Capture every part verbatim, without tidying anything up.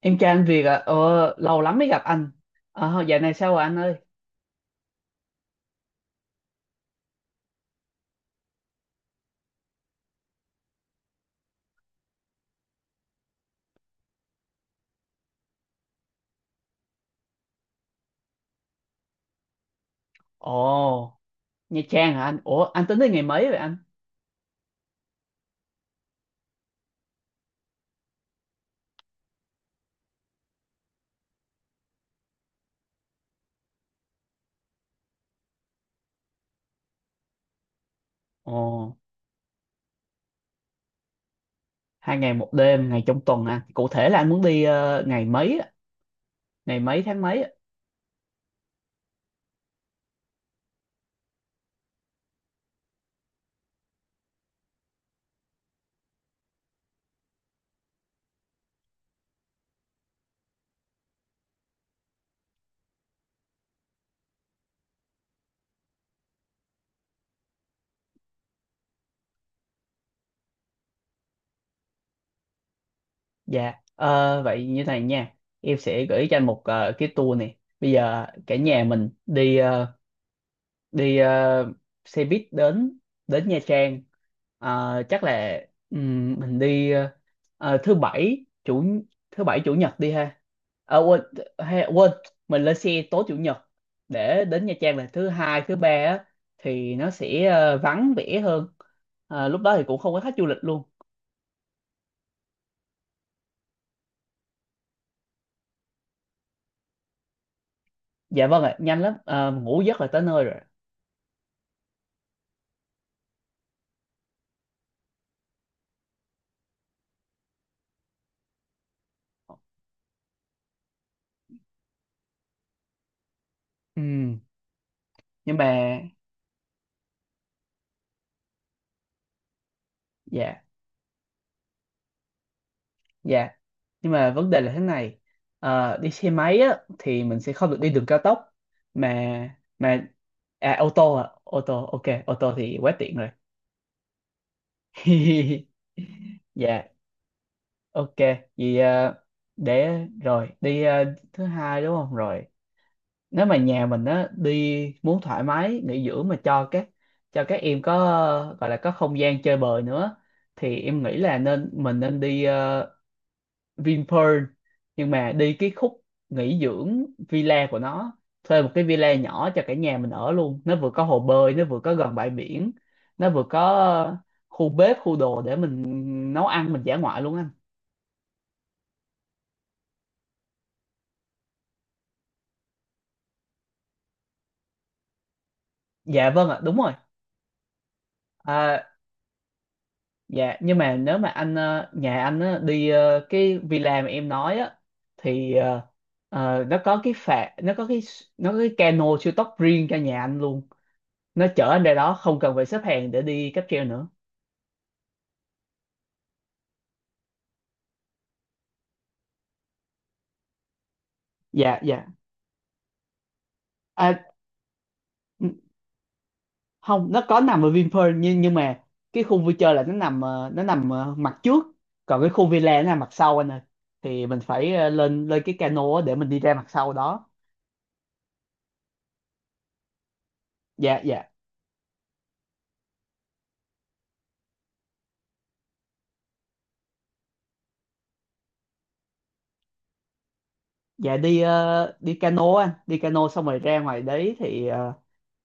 Em trai anh Việt à? Ờ, lâu lắm mới gặp anh. Ờ, dạo này sao rồi anh ơi? Ồ, Nha Trang hả anh? Ủa, anh tính đi ngày mấy vậy anh? Ồ, hai ngày một đêm, ngày trong tuần anh. Cụ thể là anh muốn đi ờ, ngày mấy, á? Ngày mấy tháng mấy, á? Dạ. Ờ, vậy như này nha. Em sẽ gửi cho anh một ờ, cái tour này. Bây giờ cả nhà mình đi ờ, đi ờ, xe buýt đến đến Nha Trang. Ờ, chắc là ừm, mình đi ờ, ờ, thứ bảy chủ thứ bảy chủ nhật đi ha. Ờ, quên hay, quên mình lên xe tối chủ nhật để đến Nha Trang là thứ hai thứ ba á, thì nó sẽ ờ, vắng vẻ hơn. Ờ, lúc đó thì cũng không có khách du lịch luôn. Dạ vâng ạ, nhanh lắm. Ờ, ngủ giấc là tới nơi rồi. Ừm, nhưng mà, dạ, dạ, nhưng mà vấn đề là thế này. Ờ, đi xe máy á thì mình sẽ không được đi đường cao tốc, mà mà à, ô tô à ô tô ok, ô tô thì quá tiện rồi. Dạ, ok. Vì ờ, để rồi đi ờ, thứ hai đúng không, rồi nếu mà nhà mình á đi muốn thoải mái nghỉ dưỡng mà cho các cho các em có, ờ, gọi là có không gian chơi bời nữa, thì em nghĩ là nên mình nên đi ờ, Vinpearl, nhưng mà đi cái khúc nghỉ dưỡng villa của nó, thuê một cái villa nhỏ cho cả nhà mình ở luôn. Nó vừa có hồ bơi, nó vừa có gần bãi biển, nó vừa có khu bếp, khu đồ để mình nấu ăn, mình dã ngoại luôn anh. Dạ vâng ạ, đúng rồi. À, dạ, nhưng mà nếu mà anh ờ, nhà anh á, đi ờ, cái villa mà em nói á, thì ờ, ờ, nó có cái phà, nó có cái nó có cái cano siêu tốc riêng cho nhà anh luôn, nó chở anh ra đó không cần phải xếp hàng để đi cáp treo nữa. Dạ, dạ. À, không, nó có nằm ở Vinpearl nhưng nhưng mà cái khu vui chơi là nó nằm ờ, nó nằm ờ, mặt trước, còn cái khu villa nó nằm mặt sau anh ơi, thì mình phải ờ, lên lên cái cano á để mình đi ra mặt sau đó. Dạ, dạ. Dạ, đi ờ, đi cano anh, đi cano xong rồi ra ngoài đấy thì ờ,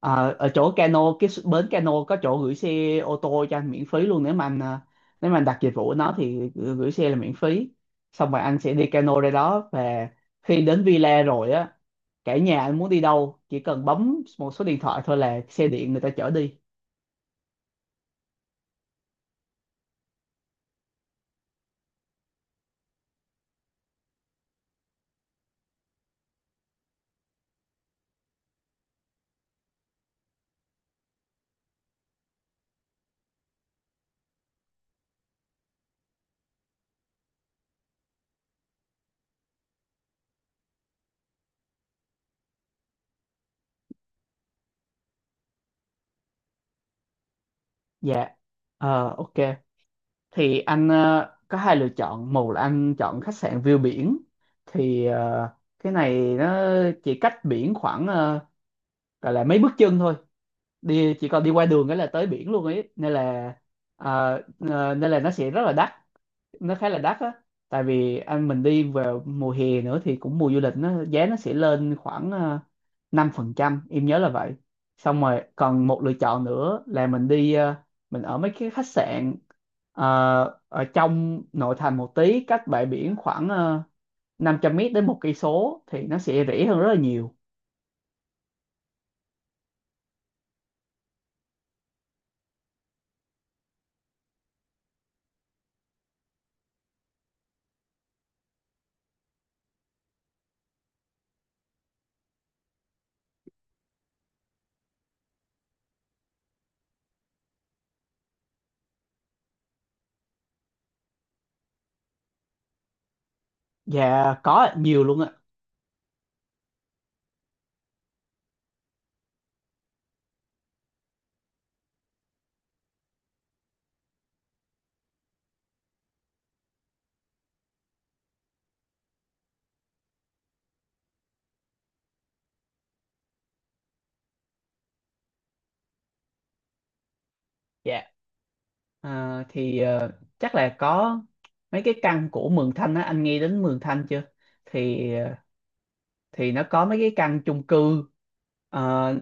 ờ, ở chỗ cano, cái s- bến cano có chỗ gửi xe ô tô cho anh miễn phí luôn. Nếu mà anh ờ, nếu mà anh đặt dịch vụ của nó thì gửi gửi xe là miễn phí. Xong rồi anh sẽ đi cano ra đó, và khi đến villa rồi á, cả nhà anh muốn đi đâu chỉ cần bấm một số điện thoại thôi là xe điện người ta chở đi. Dạ. Ờ, ok. Thì anh ờ, có hai lựa chọn. Một là anh chọn khách sạn view biển, thì ờ, cái này nó chỉ cách biển khoảng ờ, gọi là mấy bước chân thôi, đi chỉ còn đi qua đường cái là tới biển luôn ấy, nên là ờ, ờ, nên là nó sẽ rất là đắt, nó khá là đắt á. Tại vì anh mình đi vào mùa hè nữa thì cũng mùa du lịch, nó giá nó sẽ lên khoảng ờ, năm phần trăm, em nhớ là vậy. Xong rồi còn một lựa chọn nữa là mình đi ờ, mình ở mấy cái khách sạn ờ, ở trong nội thành một tí, cách bãi biển khoảng ờ, năm trăm mét đến một cây số, thì nó sẽ rẻ hơn rất là nhiều. Dạ có ạ, nhiều luôn ạ. Dạ. À, thì ờ, chắc là có mấy cái căn của Mường Thanh á, anh nghe đến Mường Thanh chưa? Thì thì nó có mấy cái căn chung cư ờ,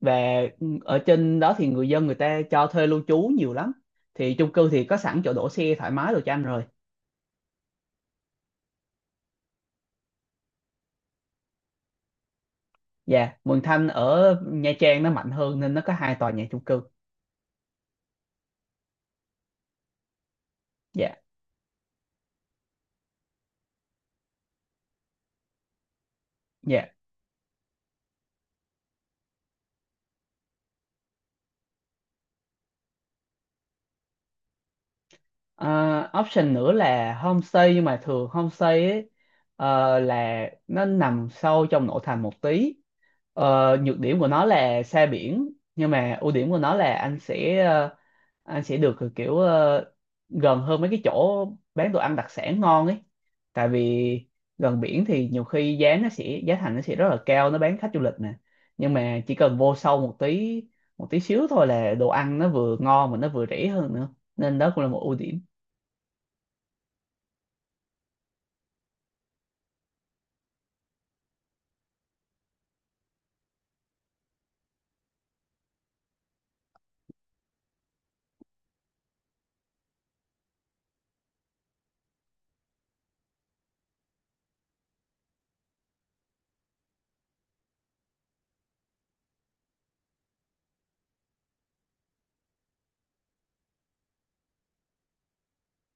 về ở trên đó thì người dân người ta cho thuê lưu trú nhiều lắm. Thì chung cư thì có sẵn chỗ đỗ xe thoải mái đồ cho anh rồi. Dạ, Mường Thanh ở Nha Trang nó mạnh hơn nên nó có hai tòa nhà chung cư. Dạ, dạ. Ờ, option nữa là homestay, nhưng mà thường homestay ấy ờ, là nó nằm sâu trong nội thành một tí. Ờ, nhược điểm của nó là xa biển, nhưng mà ưu điểm của nó là anh sẽ ờ, anh sẽ được kiểu ờ, gần hơn mấy cái chỗ bán đồ ăn đặc sản ngon ấy. Tại vì gần biển thì nhiều khi giá, nó sẽ giá thành nó sẽ rất là cao, nó bán khách du lịch nè, nhưng mà chỉ cần vô sâu một tí, một tí xíu thôi là đồ ăn nó vừa ngon mà nó vừa rẻ hơn nữa, nên đó cũng là một ưu điểm.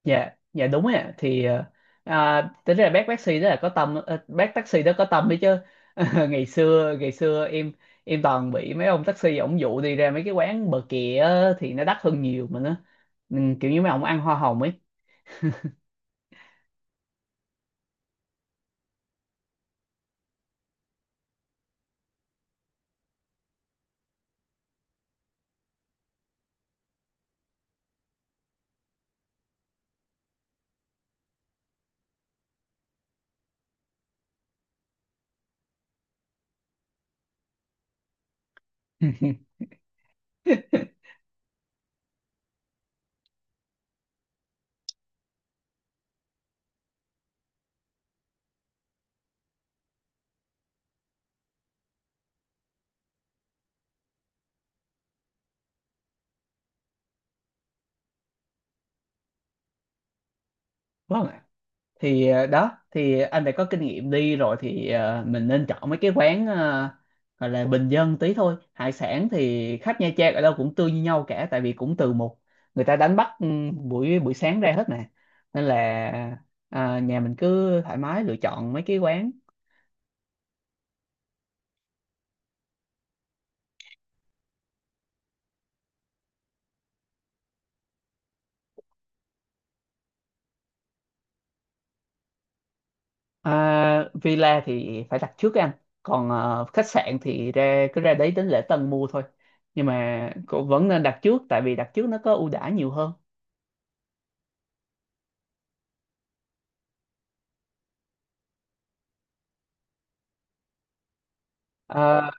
Dạ, dạ đúng ạ. Thì ờ, à, tính ra bác taxi đó là có tâm ờ, bác taxi đó có tâm đấy chứ. ngày xưa ngày xưa em em toàn bị mấy ông taxi ổng dụ đi ra mấy cái quán bờ kè á, thì nó đắt hơn nhiều mà nó, ừ, kiểu như mấy ông ăn hoa hồng ấy. Vâng ạ. Thì ờ, đó thì anh phải có kinh nghiệm đi rồi, thì ờ, mình nên chọn mấy cái quán ờ, gọi là bình dân tí thôi. Hải sản thì khách Nha Trang ở đâu cũng tươi như nhau cả, tại vì cũng từ một người ta đánh bắt ừ, buổi buổi sáng ra hết mà, nên là, à, nhà mình cứ thoải mái lựa chọn mấy cái quán. À, villa thì phải đặt trước anh, còn ờ, khách sạn thì ra cứ ra đấy đến lễ tân mua thôi, nhưng mà cũng vẫn nên đặt trước tại vì đặt trước nó có ưu đãi nhiều hơn. Ờ.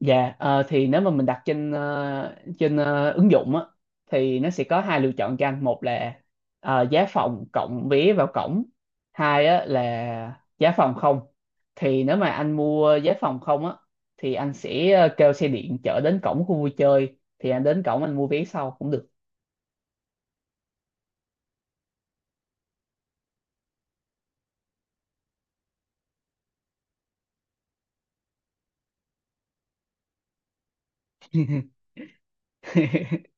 Dạ, ờ, thì nếu mà mình đặt trên ờ, trên ờ, ứng dụng á, thì nó sẽ có hai lựa chọn cho anh. Một là ờ, giá phòng cộng vé vào cổng. Hai á, là giá phòng không. Thì nếu mà anh mua giá phòng không á, thì anh sẽ ờ, kêu xe điện chở đến cổng khu vui chơi. Thì anh đến cổng anh mua vé sau cũng được.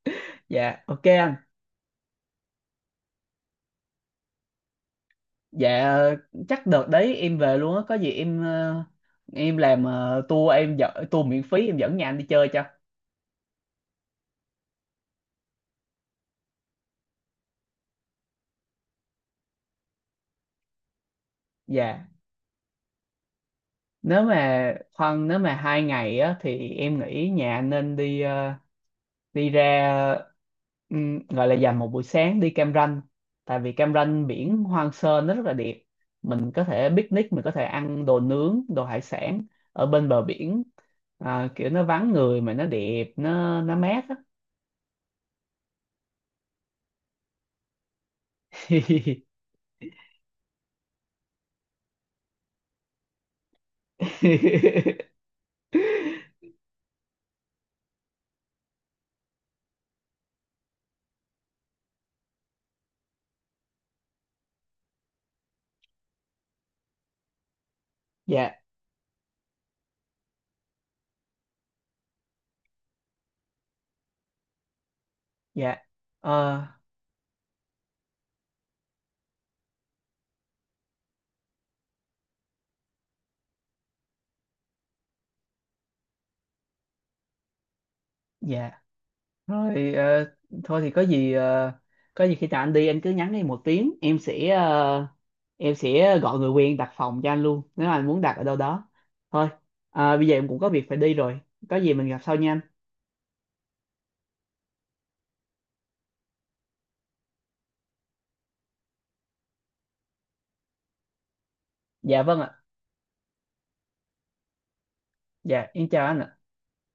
Dạ, ok anh. Dạ, ờ, chắc đợt đấy em về luôn á. Có gì em ờ, em làm ờ, tour em dẫn tour miễn phí, em dẫn nhà anh đi chơi cho. Dạ. nếu mà Khoan nếu mà hai ngày á, thì em nghĩ nhà nên đi, ờ, đi ra, ừm, gọi là dành một buổi sáng đi Cam Ranh, tại vì Cam Ranh biển hoang sơ nó rất là đẹp, mình có thể picnic, mình có thể ăn đồ nướng, đồ hải sản ở bên bờ biển. À, kiểu nó vắng người mà nó đẹp, nó nó mát á. Dạ, dạ. Ờ, dạ, thôi thì, ờ, thôi thì, có gì ờ, có gì khi nào anh đi anh cứ nhắn đi một tiếng, em sẽ ờ, em sẽ gọi người quen đặt phòng cho anh luôn, nếu mà anh muốn đặt ở đâu đó. Thôi, à, bây giờ em cũng có việc phải đi rồi, có gì mình gặp sau nha anh. Dạ vâng ạ. Dạ, em chào anh ạ.